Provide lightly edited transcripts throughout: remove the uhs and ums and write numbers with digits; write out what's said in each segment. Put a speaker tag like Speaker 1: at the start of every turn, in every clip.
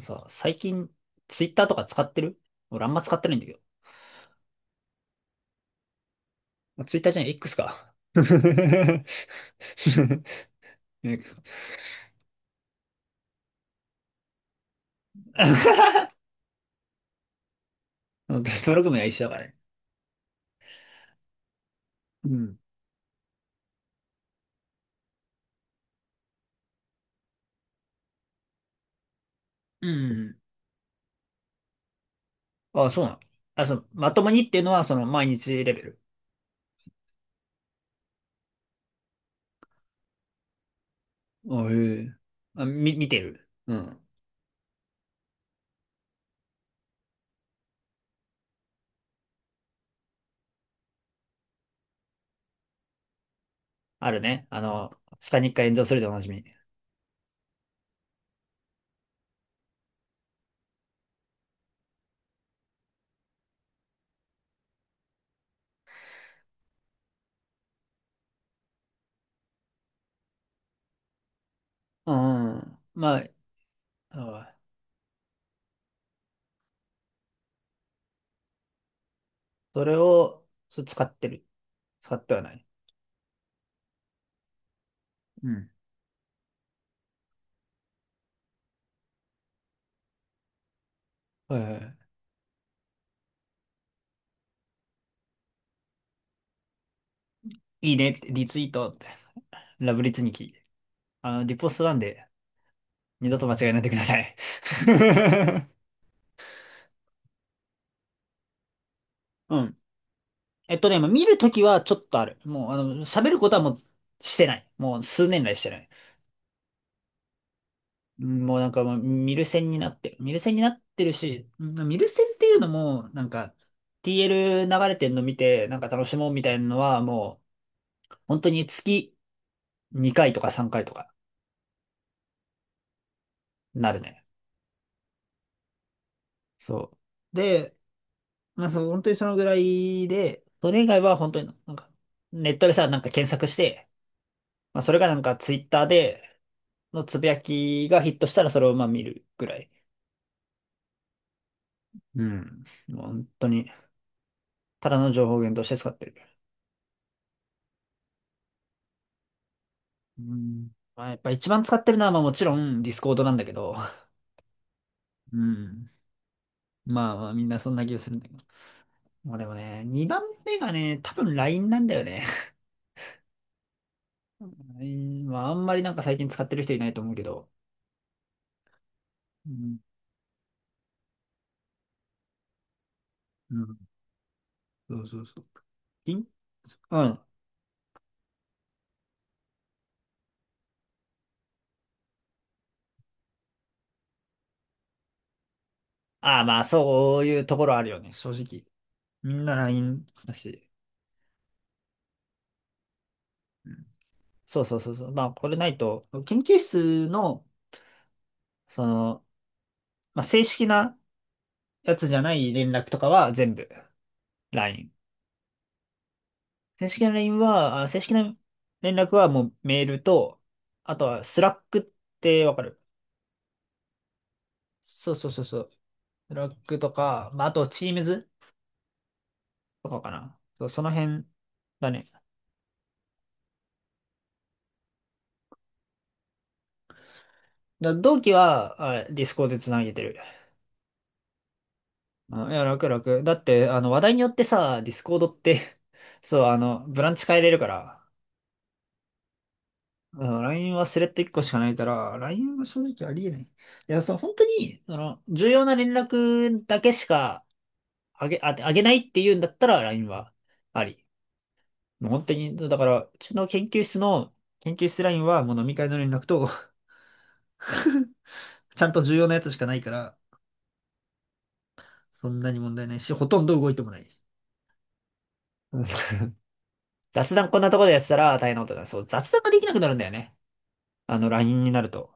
Speaker 1: さ、最近、ツイッターとか使ってる？俺あんま使ってないんだけど。まあツイッターじゃない、X か。X か。 登録名は一緒だからね。うん。うん。あ、そうなの？あ、そう、まともにっていうのは、その、毎日レベル？あ、へえ。あ、見てる。うん。あるね。あの、下に一回炎上するでおなじみ。うん。まあ、あそれを、そう使ってる。使ってはない。うん。はいはい。いいねって、リツイートって。ラブリツニキ。あの、リポストなんで、二度と間違えないでください。うん。まあ見るときはちょっとある。もう、喋ることはもうしてない。もう数年来してない。うん、もうなんかもう見る線になってる。見る線になってるし、うん、見る線っていうのも、TL 流れてんの見て、なんか楽しもうみたいなのは、もう、本当に月2回とか3回とかなるね。そう。で、まあそう、本当にそのぐらいで、それ以外は本当にネットでさ、なんか検索して、まあ、それがなんかツイッターでのつぶやきがヒットしたらそれをまあ見るぐらい。うん。もう本当に、ただの情報源として使ってる。うん。まあ、やっぱ一番使ってるのはまあもちろんディスコードなんだけど、うん。まあまあみんなそんな気がするんだけど。まあでもね、2番目がね、多分 LINE なんだよね。ラインはあんまりなんか最近使ってる人いないと思うけど。うん。うん。そうそうそう。ピン、うん。ああ、まあそういうところあるよね、正直。みんな LINE だし。そうそうそうそう。まあ、これないと、研究室の、その、まあ、正式なやつじゃない連絡とかは全部 LINE。正式な連絡はもうメールと、あとはスラックってわかる？そうそうそうそう。スラックとか、まあ、あと Teams とかかな。そう、その辺だね。同期は、ディスコードでつなげてる。いや、楽楽。だって、あの、話題によってさ、ディスコードって、 そう、あの、ブランチ変えれるから。あの LINE はスレッド1個しかないから、LINE は正直ありえない。いや、その本当に、その、重要な連絡だけしかあげ、あ、あげないっていうんだったら LINE はあり。もう本当に、だから、うちの研究室の、研究室 LINE はもう飲み会の連絡と、ちゃんと重要なやつしかないから、そんなに問題ないし、ほとんど動いてもない。うん。 雑談こんなところでやってたら大変なことだ。そう、雑談ができなくなるんだよね。あの、LINE になると。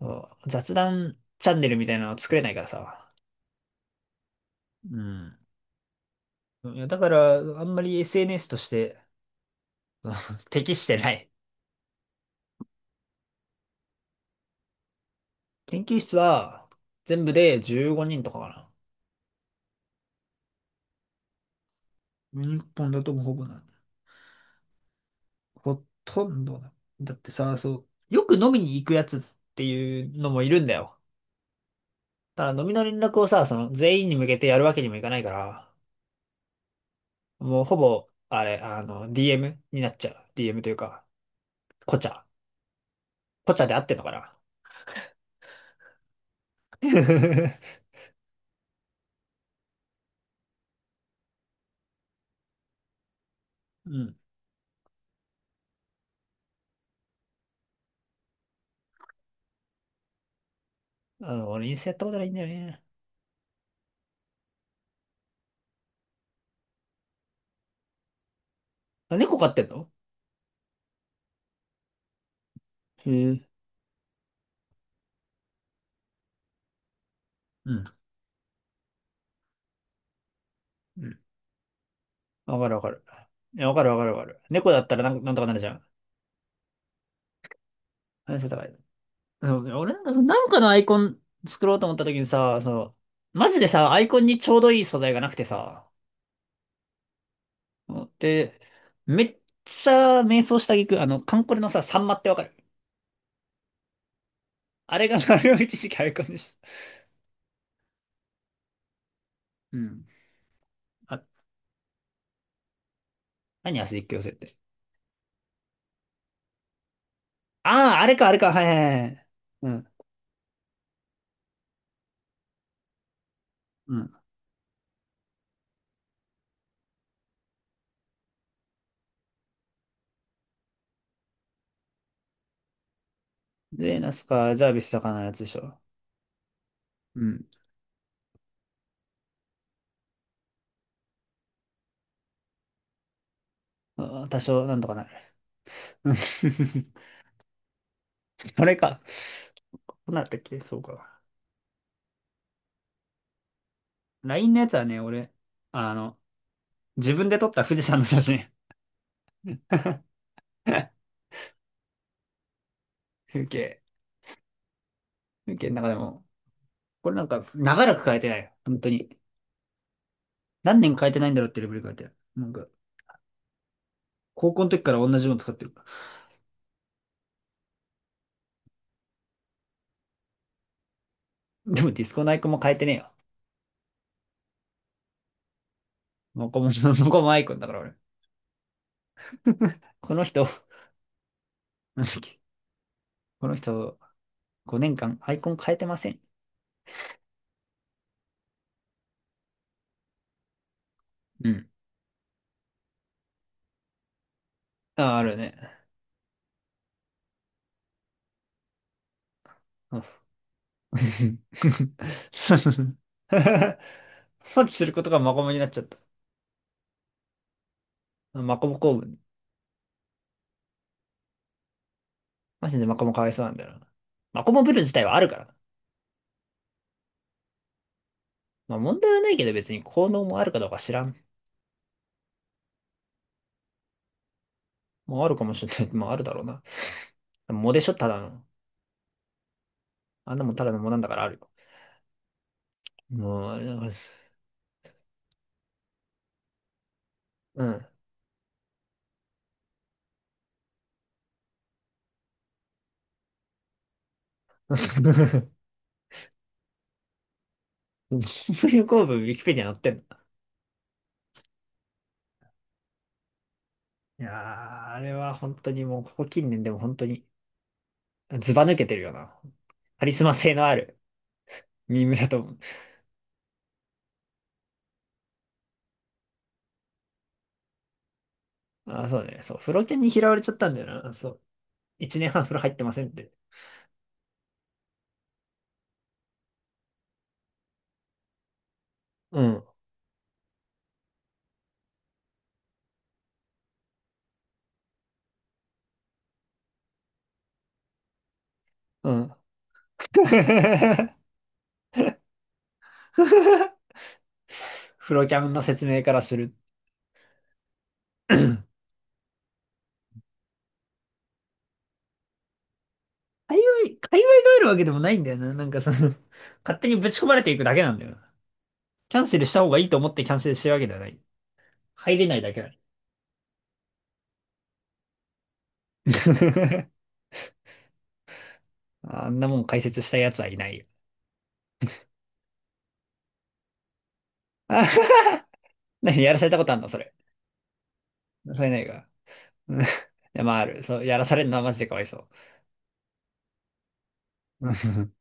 Speaker 1: そう、雑談チャンネルみたいなの作れないからさ。うん。いや、だから、あんまり SNS として、その、 適してない。研究室は、全部で15人とかかな。日本だともうほぼなんだ。ほとんどだ。だってさ、そう、よく飲みに行くやつっていうのもいるんだよ。ただ飲みの連絡をさ、その全員に向けてやるわけにもいかないから、もうほぼ、あれ、あの、DM になっちゃう。DM というか、コチャコチャで合ってんのかな。うん。あの、俺インスタやったことないんだよね。あ、猫飼ってんの？へえ。うん。うん、わかるわかる。いや、わかるわかるわかる。猫だったらなんとかなるじゃん。話せかい。そう、俺なんかその、なんかのアイコン作ろうと思った時にさ、その、マジでさ、アイコンにちょうどいい素材がなくてさ、で、めっちゃ迷走した挙句、あの、カンコレのさ、サンマってわかる？あれが、あれを一時期アイコンでした。うん。あ、何アスリック寄せって。ああ、あれか、あれか、はいはいはい。うん。うん。で、ナスか、ジャービスとかのやつでしょ。うん。あー、多少、なんとかなる。うん。 あれか。どうなったっけ、そうか。LINE のやつはね、俺、あの、自分で撮った富士山の写真。風景。風景の中でも。これなんか、長らく変えてないよ。本当に。何年変えてないんだろうってレベル変えてる。なんか、高校の時から同じもの使ってる。でもディスコのアイコンも変えてねえよ。もこも、もこもアイコンだから俺。この人、なんだっけ。この人、5年間アイコン変えてません。うん。あ、あるよね。うん。 そうそうそう。放置することがマコモになっちゃった。マコモ構文。マジでマコモかわいそうなんだよな。マコモブル自体はあるからな。まあ問題はないけど別に効能もあるかどうか知らん。もうあるかもしれない。まああるだろうな。もモでしょ、ただの。あんなもんただのモなんだからあるよ。もう、あれなんかす、うん。流行文ウィキペディア載ってんの。いやー、あれは本当にもう、ここ近年でも本当に、ずば抜けてるよな。カリスマ性のあるミームだと思う。あー、そうね。そう。風呂犬に拾われちゃったんだよな。そう。一年半風呂入ってませんって。うん。うん。フロキャンの説明からする。界隈があるわけでもないんだよな。なんかその、 勝手にぶち込まれていくだけなんだよな。キャンセルした方がいいと思ってキャンセルしてるわけではない。入れないだけだ。あんなもん解説した奴はいないよ。あ、何やらされたことあんのそれ？それないか。うん、いや、まあある。そう、やらされるのはマジでかわいそう。うん